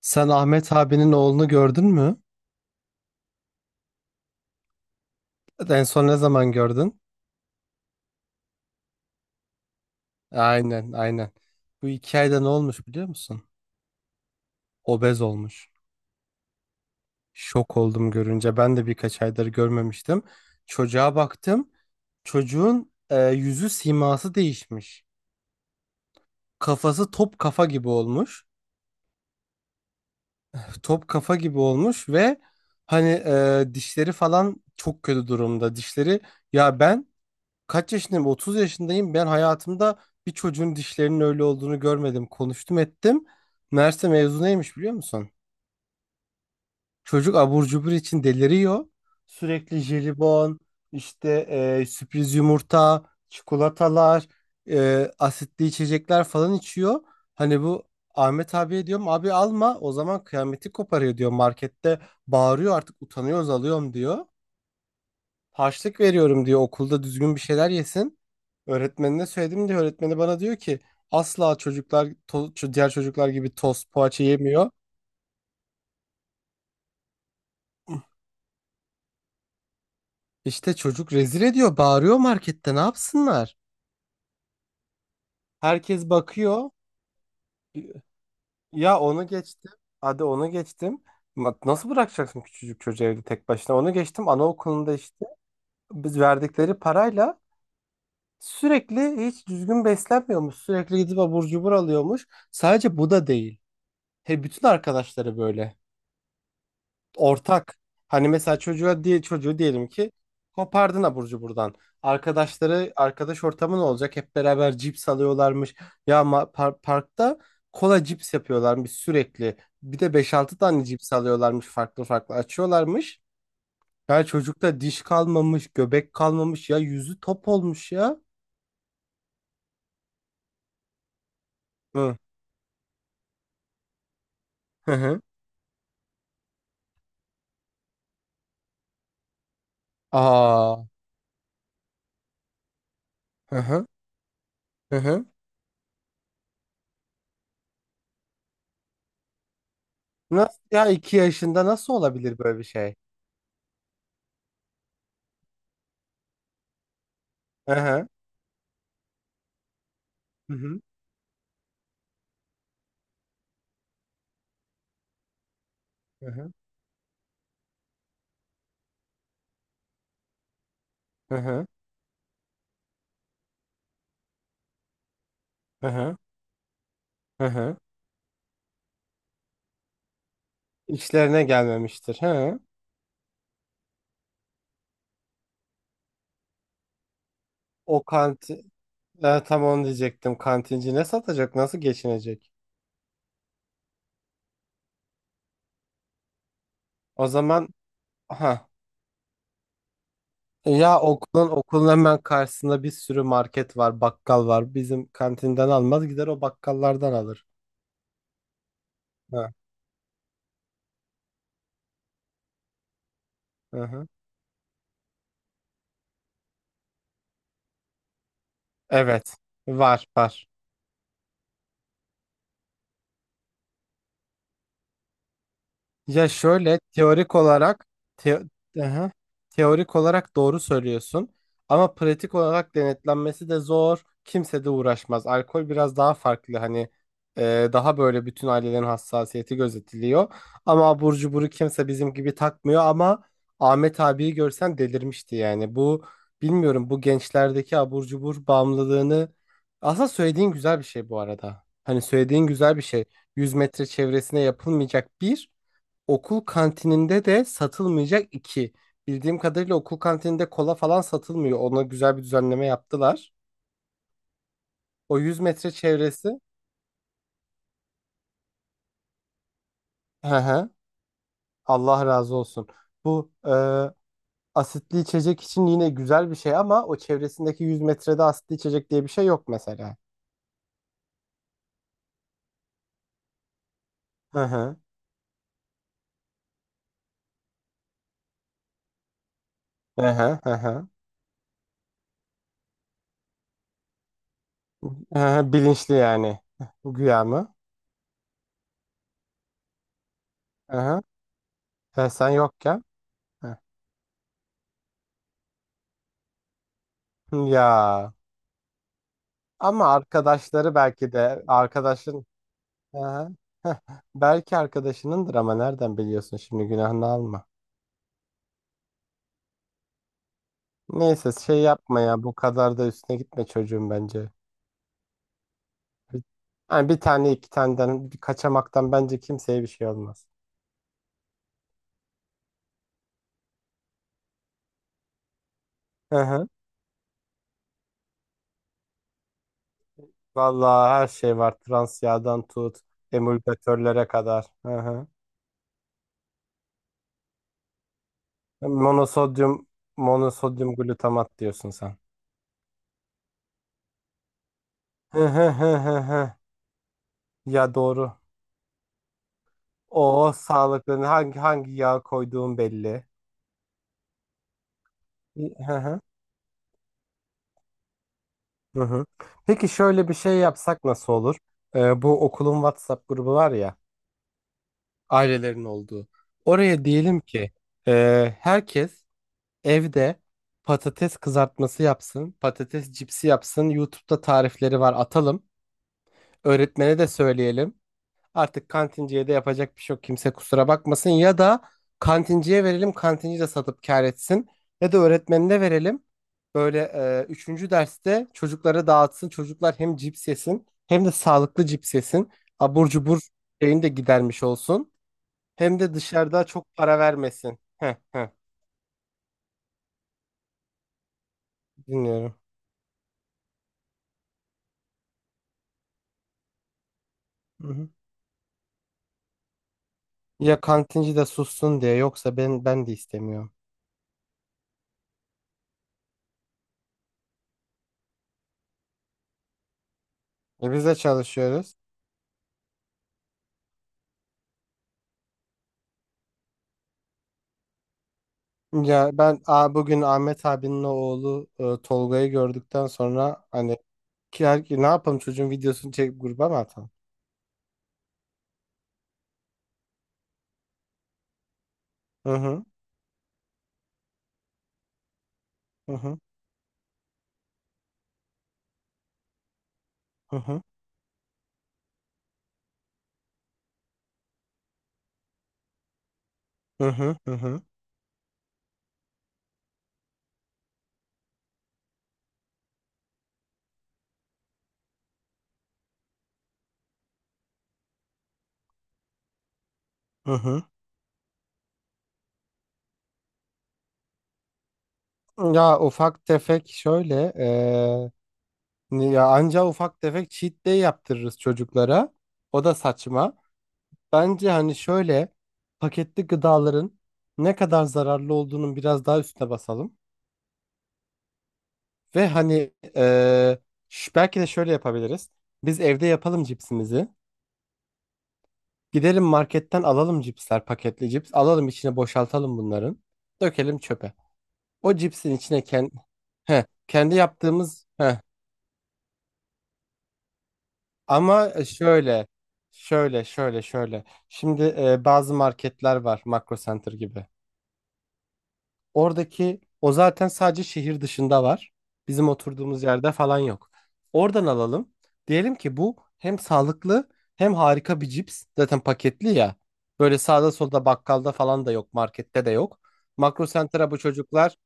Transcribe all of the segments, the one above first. Sen Ahmet abinin oğlunu gördün mü? En son ne zaman gördün? Aynen, aynen. Bu 2 ayda ne olmuş biliyor musun? Obez olmuş. Şok oldum görünce. Ben de birkaç aydır görmemiştim. Çocuğa baktım. Çocuğun yüzü siması değişmiş. Kafası top kafa gibi olmuş. Top kafa gibi olmuş ve hani dişleri falan çok kötü durumda. Dişleri ya ben Kaç yaşındayım? 30 yaşındayım. Ben hayatımda bir çocuğun dişlerinin öyle olduğunu görmedim. Konuştum ettim. Meğerse mevzu neymiş biliyor musun? Çocuk abur cubur için deliriyor. Sürekli jelibon, işte sürpriz yumurta, çikolatalar, asitli içecekler falan içiyor. Hani bu Ahmet abiye diyorum abi alma, o zaman kıyameti koparıyor diyor, markette bağırıyor artık, utanıyoruz alıyorum diyor. Harçlık veriyorum diyor, okulda düzgün bir şeyler yesin. Öğretmenine söyledim diyor. Öğretmeni bana diyor ki asla çocuklar diğer çocuklar gibi tost poğaça yemiyor. İşte çocuk rezil ediyor, bağırıyor markette, ne yapsınlar? Herkes bakıyor. Ya onu geçtim. Hadi onu geçtim. Nasıl bırakacaksın küçücük çocuğu evde tek başına? Onu geçtim. Anaokulunda işte biz verdikleri parayla sürekli hiç düzgün beslenmiyormuş. Sürekli gidip abur cubur alıyormuş. Sadece bu da değil. He, bütün arkadaşları böyle ortak. Hani mesela çocuğa diye çocuğu diyelim ki kopardın aburcu buradan. Arkadaşları, arkadaş ortamı ne olacak? Hep beraber cips alıyorlarmış. Ya parkta kola cips yapıyorlarmış sürekli. Bir de beş altı tane cips alıyorlarmış, farklı farklı açıyorlarmış. Ya çocukta diş kalmamış, göbek kalmamış, ya yüzü top olmuş ya. Hı hı. Hı. Aa. Hı hı. Hı hı. Nasıl ya, 2 yaşında nasıl olabilir böyle bir şey? Hı hı. Hı hı. Hı hı. Hı hı. Hı hı. Hı hı. İşlerine gelmemiştir. Hı. O kanti tam onu diyecektim. Kantinci ne satacak? Nasıl geçinecek? O zaman ha, ya okulun hemen karşısında bir sürü market var, bakkal var. Bizim kantinden almaz, gider o bakkallardan alır. Hı hı. Hı. Evet. Var, var. Ya şöyle teorik olarak teo- Aha, teorik olarak doğru söylüyorsun ama pratik olarak denetlenmesi de zor. Kimse de uğraşmaz. Alkol biraz daha farklı, hani daha böyle bütün ailelerin hassasiyeti gözetiliyor. Ama abur cuburu kimse bizim gibi takmıyor ama Ahmet abiyi görsen delirmişti yani. Bu, bilmiyorum, bu gençlerdeki abur cubur bağımlılığını aslında söylediğin güzel bir şey bu arada. Hani söylediğin güzel bir şey. 100 metre çevresine yapılmayacak bir. Okul kantininde de satılmayacak iki. Bildiğim kadarıyla okul kantininde kola falan satılmıyor. Ona güzel bir düzenleme yaptılar. O 100 metre çevresi. Hı hı. Allah razı olsun. Bu asitli içecek için yine güzel bir şey ama o çevresindeki 100 metrede asitli içecek diye bir şey yok mesela. Hı hı. Hı hı hı hı. Hı hı, bilinçli yani. Güya mı? Hı hı. E, sen yokken. Hı. Ya. Ama arkadaşları belki de arkadaşın. Aha. Heh, belki arkadaşınındır ama nereden biliyorsun şimdi, günahını alma. Neyse, şey yapma ya, bu kadar da üstüne gitme çocuğum bence. Bir- Yani bir tane iki taneden, bir kaçamaktan bence kimseye bir şey olmaz. Hı hı. Vallahi her şey var. Trans yağdan tut emulgatörlere kadar. Hı hı. Monosodyum monosodyum glutamat diyorsun sen. Hı hı hı hı hı. Ya doğru. O sağlıklı, hangi yağ koyduğun belli. Hı hı. Hı hı. Peki şöyle bir şey yapsak nasıl olur? Bu okulun WhatsApp grubu var ya, ailelerin olduğu. Oraya diyelim ki herkes evde patates kızartması yapsın, patates cipsi yapsın. YouTube'da tarifleri var, atalım. Öğretmene de söyleyelim. Artık kantinciye de yapacak bir şey yok. Kimse kusura bakmasın. Ya da kantinciye verelim. Kantinci de satıp kâr etsin. Ya da öğretmenine verelim. Böyle üçüncü derste çocuklara dağıtsın. Çocuklar hem cips yesin hem de sağlıklı cips yesin. Abur cubur şeyini de gidermiş olsun. Hem de dışarıda çok para vermesin. Heh, heh, dinliyorum. Hı hı. Ya kantinci de sussun diye, yoksa ben de istemiyorum. E, biz de çalışıyoruz. Ya ben, bugün Ahmet abinin oğlu Tolga'yı gördükten sonra hani ki, her- ki ne yapalım, çocuğun videosunu çekip gruba mı atalım? Hı hı hı hı hı hı hı hı hı hı. Hı hı. Ya ufak tefek şöyle ya anca ufak tefek cheat day yaptırırız çocuklara. O da saçma. Bence hani şöyle paketli gıdaların ne kadar zararlı olduğunun biraz daha üstüne basalım. Ve hani eee, belki de şöyle yapabiliriz. Biz evde yapalım cipsimizi. Gidelim marketten alalım cipsler, paketli cips. Alalım, içine boşaltalım bunların. Dökelim çöpe. O cipsin içine kendi, kendi yaptığımız... heh. Ama şöyle. Şimdi bazı marketler var. Makro Center gibi. Oradaki o zaten sadece şehir dışında var. Bizim oturduğumuz yerde falan yok. Oradan alalım. Diyelim ki bu hem sağlıklı hem harika bir cips. Zaten paketli ya. Böyle sağda solda bakkalda falan da yok, markette de yok. Makro Center'a bu çocuklar,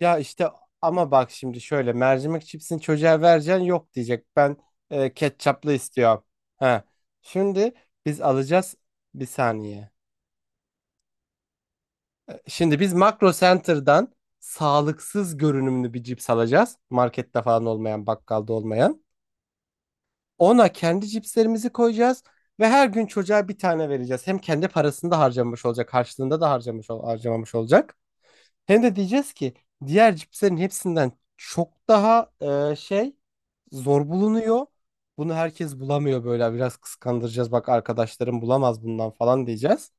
ya işte ama bak şimdi şöyle, mercimek cipsini çocuğa vereceksin, yok diyecek. Ben ketçaplı istiyorum. Ha. Şimdi biz alacağız, bir saniye. Şimdi biz Makro Center'dan sağlıksız görünümlü bir cips alacağız. Markette falan olmayan, bakkalda olmayan. Ona kendi cipslerimizi koyacağız ve her gün çocuğa bir tane vereceğiz. Hem kendi parasını da harcamış olacak, karşılığında da harcamamış olacak. Hem de diyeceğiz ki diğer cipslerin hepsinden çok daha e, şey zor bulunuyor. Bunu herkes bulamıyor, böyle biraz kıskandıracağız. Bak, arkadaşlarım bulamaz bundan falan diyeceğiz.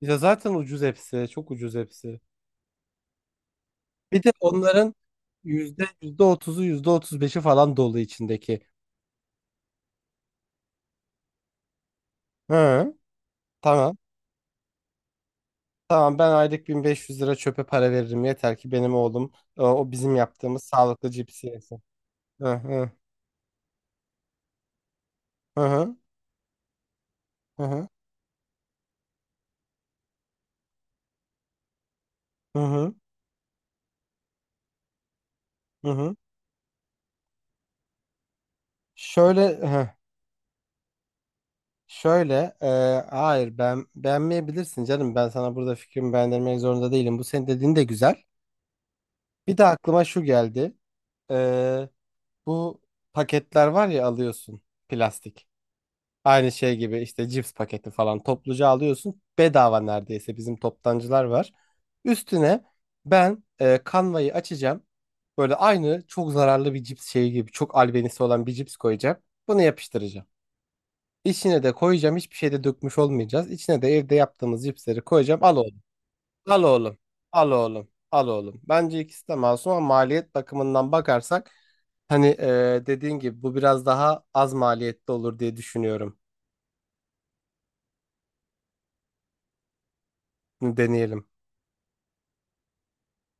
Ya zaten ucuz hepsi, çok ucuz hepsi. Bir de onların yüzde otuzu, yüzde otuz beşi falan dolu içindeki. Hı. Tamam. Tamam, ben aylık 1500 lira çöpe para veririm, yeter ki benim oğlum o bizim yaptığımız sağlıklı cipsi yesin. Hı hı. Hı hı. Hı hı. Hı hı. Hı hı. Şöyle hı. Şöyle hayır, ben beğenmeyebilirsin canım, ben sana burada fikrimi beğendirmek zorunda değilim. Bu senin dediğin de güzel. Bir de aklıma şu geldi. E, bu paketler var ya, alıyorsun plastik. Aynı şey gibi işte, cips paketi falan topluca alıyorsun. Bedava neredeyse, bizim toptancılar var. Üstüne ben kanvayı açacağım. Böyle aynı çok zararlı bir cips şeyi gibi, çok albenisi olan bir cips koyacağım. Bunu yapıştıracağım. İçine de koyacağım. Hiçbir şey de dökmüş olmayacağız. İçine de evde yaptığımız cipsleri koyacağım. Al oğlum. Al oğlum. Al oğlum. Al oğlum. Bence ikisi de masum ama maliyet bakımından bakarsak hani dediğin gibi bu biraz daha az maliyetli olur diye düşünüyorum. Deneyelim.